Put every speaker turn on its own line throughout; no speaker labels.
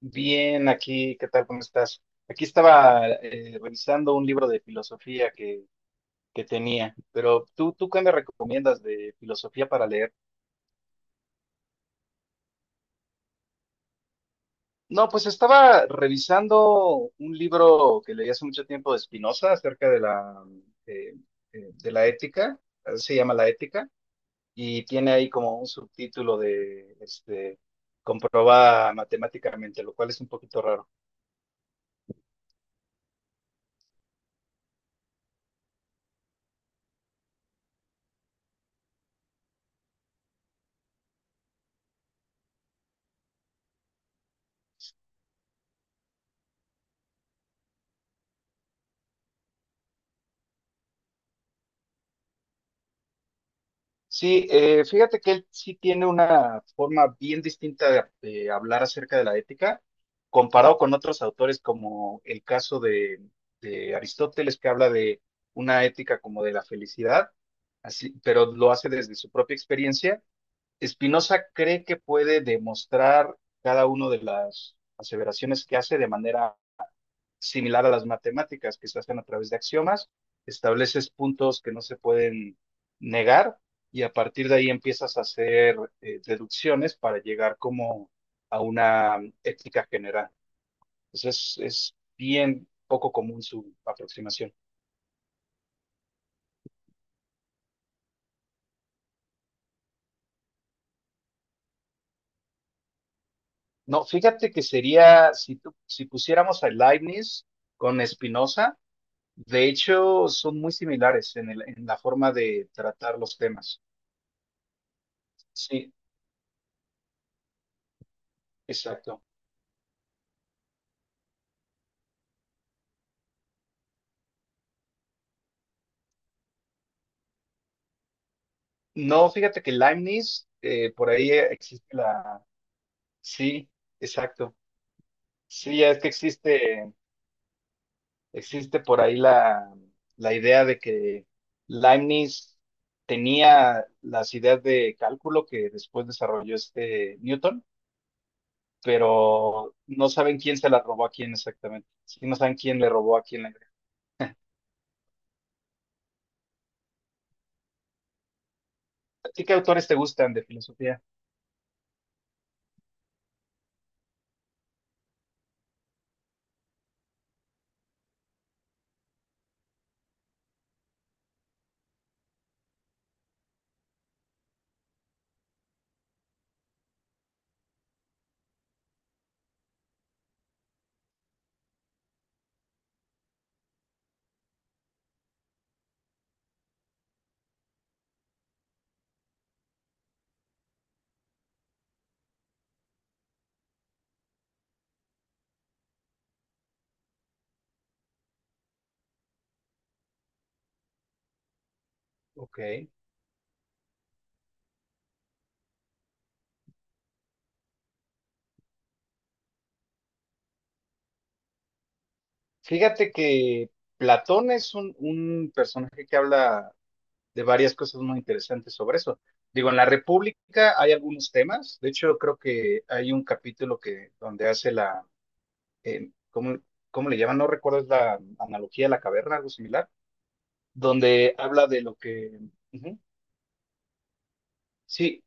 Bien, aquí, ¿qué tal? ¿Cómo estás? Aquí estaba revisando un libro de filosofía que tenía, pero ¿tú qué me recomiendas de filosofía para leer? No, pues estaba revisando un libro que leí hace mucho tiempo de Spinoza acerca de eh, de la ética, así se llama La ética, y tiene ahí como un subtítulo de este, comprobada matemáticamente, lo cual es un poquito raro. Sí, fíjate que él sí tiene una forma bien distinta de hablar acerca de la ética, comparado con otros autores como el caso de Aristóteles, que habla de una ética como de la felicidad, así, pero lo hace desde su propia experiencia. Spinoza cree que puede demostrar cada una de las aseveraciones que hace de manera similar a las matemáticas que se hacen a través de axiomas, estableces puntos que no se pueden negar y a partir de ahí empiezas a hacer deducciones para llegar como a una ética general. Entonces es bien poco común su aproximación. No, fíjate que sería, si, si pusiéramos a Leibniz con Spinoza, de hecho son muy similares en en la forma de tratar los temas. Sí, exacto. No, fíjate que Leibniz, por ahí existe la... Sí, exacto. Sí, es que existe por ahí la idea de que Leibniz tenía las ideas de cálculo que después desarrolló este Newton, pero no saben quién se las robó a quién exactamente. Sí, no saben quién le robó a quién la idea. ¿A ti qué autores te gustan de filosofía? Ok. Fíjate que Platón es un personaje que habla de varias cosas muy interesantes sobre eso. Digo, en la República hay algunos temas, de hecho creo que hay un capítulo que donde hace eh, ¿cómo, cómo le llaman? No recuerdo, es la analogía de la caverna, algo similar, donde habla de lo que, ujú, sí,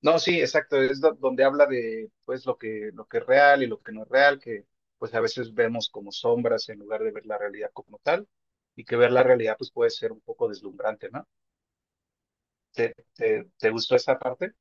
no, sí, exacto, es donde habla de pues lo lo que es real y lo que no es real, que pues a veces vemos como sombras en lugar de ver la realidad como tal, y que ver la realidad pues puede ser un poco deslumbrante, ¿no? ¿Te gustó esa parte?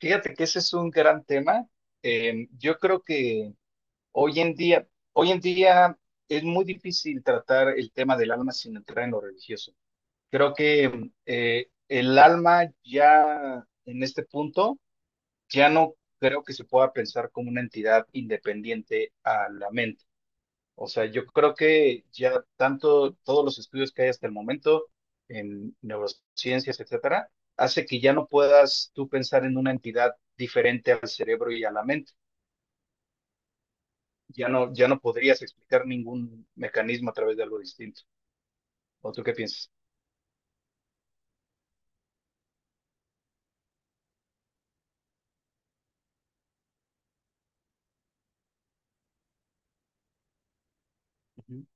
Fíjate que ese es un gran tema. Yo creo que hoy en día, hoy en día es muy difícil tratar el tema del alma sin entrar en lo religioso. Creo que el alma ya en este punto ya no creo que se pueda pensar como una entidad independiente a la mente. O sea, yo creo que ya tanto todos los estudios que hay hasta el momento en neurociencias, etcétera, hace que ya no puedas tú pensar en una entidad diferente al cerebro y a la mente. Ya no, ya no podrías explicar ningún mecanismo a través de algo distinto. ¿O tú qué piensas? Ujú.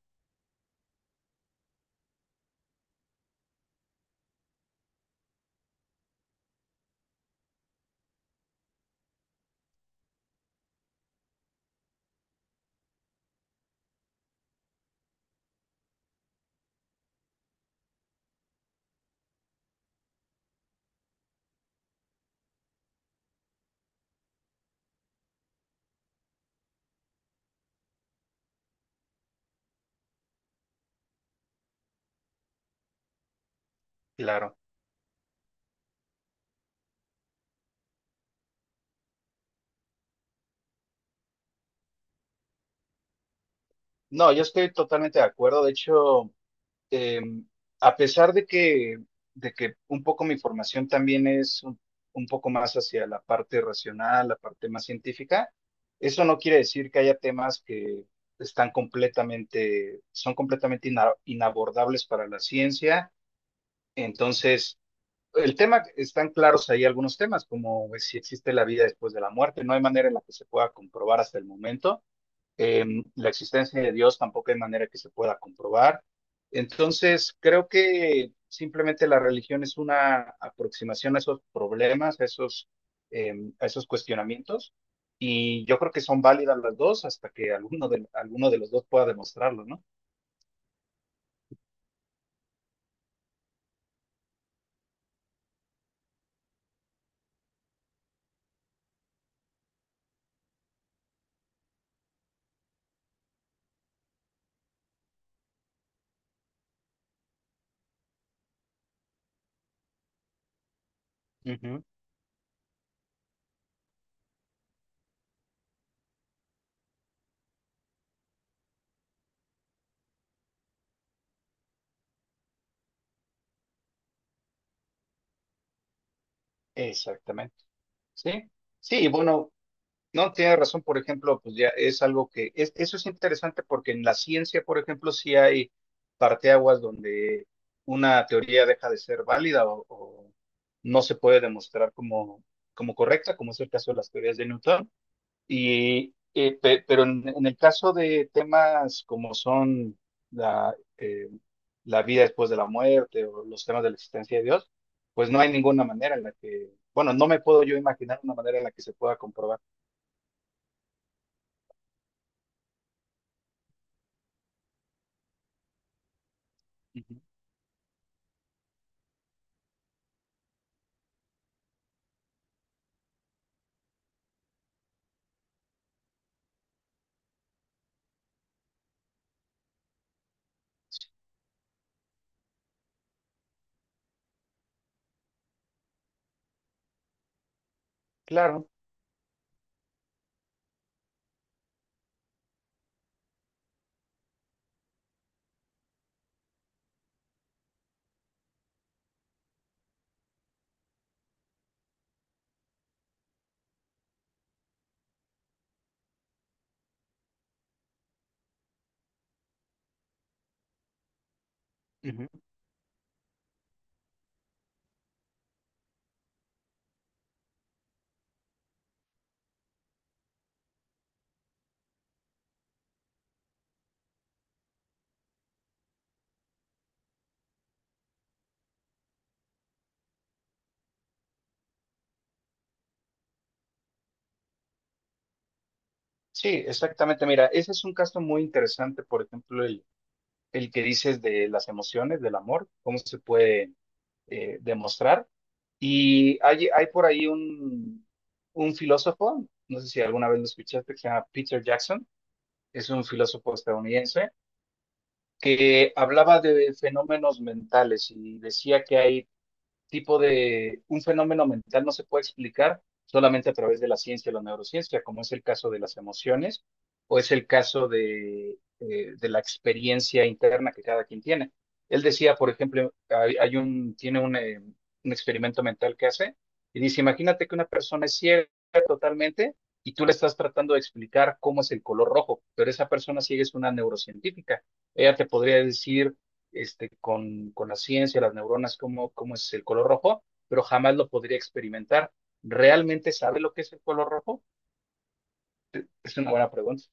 Claro. No, yo estoy totalmente de acuerdo. De hecho, eh, a pesar de de que un poco mi formación también es un poco más hacia la parte racional, la parte más científica, eso no quiere decir que haya temas que están completamente, son completamente inabordables para la ciencia. Entonces, el tema, están claros ahí algunos temas, como pues, si existe la vida después de la muerte, no hay manera en la que se pueda comprobar hasta el momento. Em, la existencia de Dios tampoco hay manera que se pueda comprobar. Entonces, creo que simplemente la religión es una aproximación a esos problemas, a esos, em, a esos cuestionamientos, y yo creo que son válidas las dos hasta que alguno de los dos pueda demostrarlo, ¿no? Ujú. Exactamente. Sí, sí, y bueno, no, tiene razón, por ejemplo, pues ya es algo que, eso es interesante porque en la ciencia, por ejemplo, sí hay parteaguas donde una teoría deja de ser válida o no se puede demostrar como correcta, como es el caso de las teorías de Newton. Y, pero en el caso de temas como son la, eh, la vida después de la muerte o los temas de la existencia de Dios, pues no hay ninguna manera en la que, bueno, no me puedo yo imaginar una manera en la que se pueda comprobar. Claro, ujú. Sí, exactamente. Mira, ese es un caso muy interesante, por ejemplo, el que dices de las emociones, del amor, cómo se puede demostrar. Y hay por ahí un filósofo, no sé si alguna vez lo escuchaste, que se llama Peter Jackson, es un filósofo estadounidense, que hablaba de fenómenos mentales y decía que hay tipo de un fenómeno mental no se puede explicar solamente a través de la ciencia o la neurociencia, como es el caso de las emociones o es el caso de la experiencia interna que cada quien tiene. Él decía, por ejemplo, hay un, tiene un experimento mental que hace y dice, imagínate que una persona es ciega totalmente y tú le estás tratando de explicar cómo es el color rojo, pero esa persona ciega es una neurocientífica. Ella te podría decir este, con la ciencia, las neuronas, cómo es el color rojo, pero jamás lo podría experimentar. ¿Realmente sabe lo que es el color rojo? Es una buena pregunta.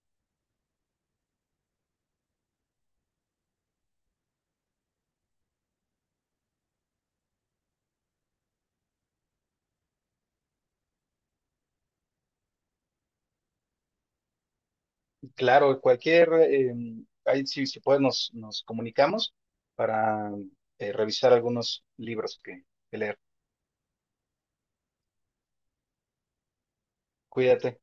Claro, cualquier, ahí si puedes nos comunicamos para revisar algunos libros que leer. Cuídate.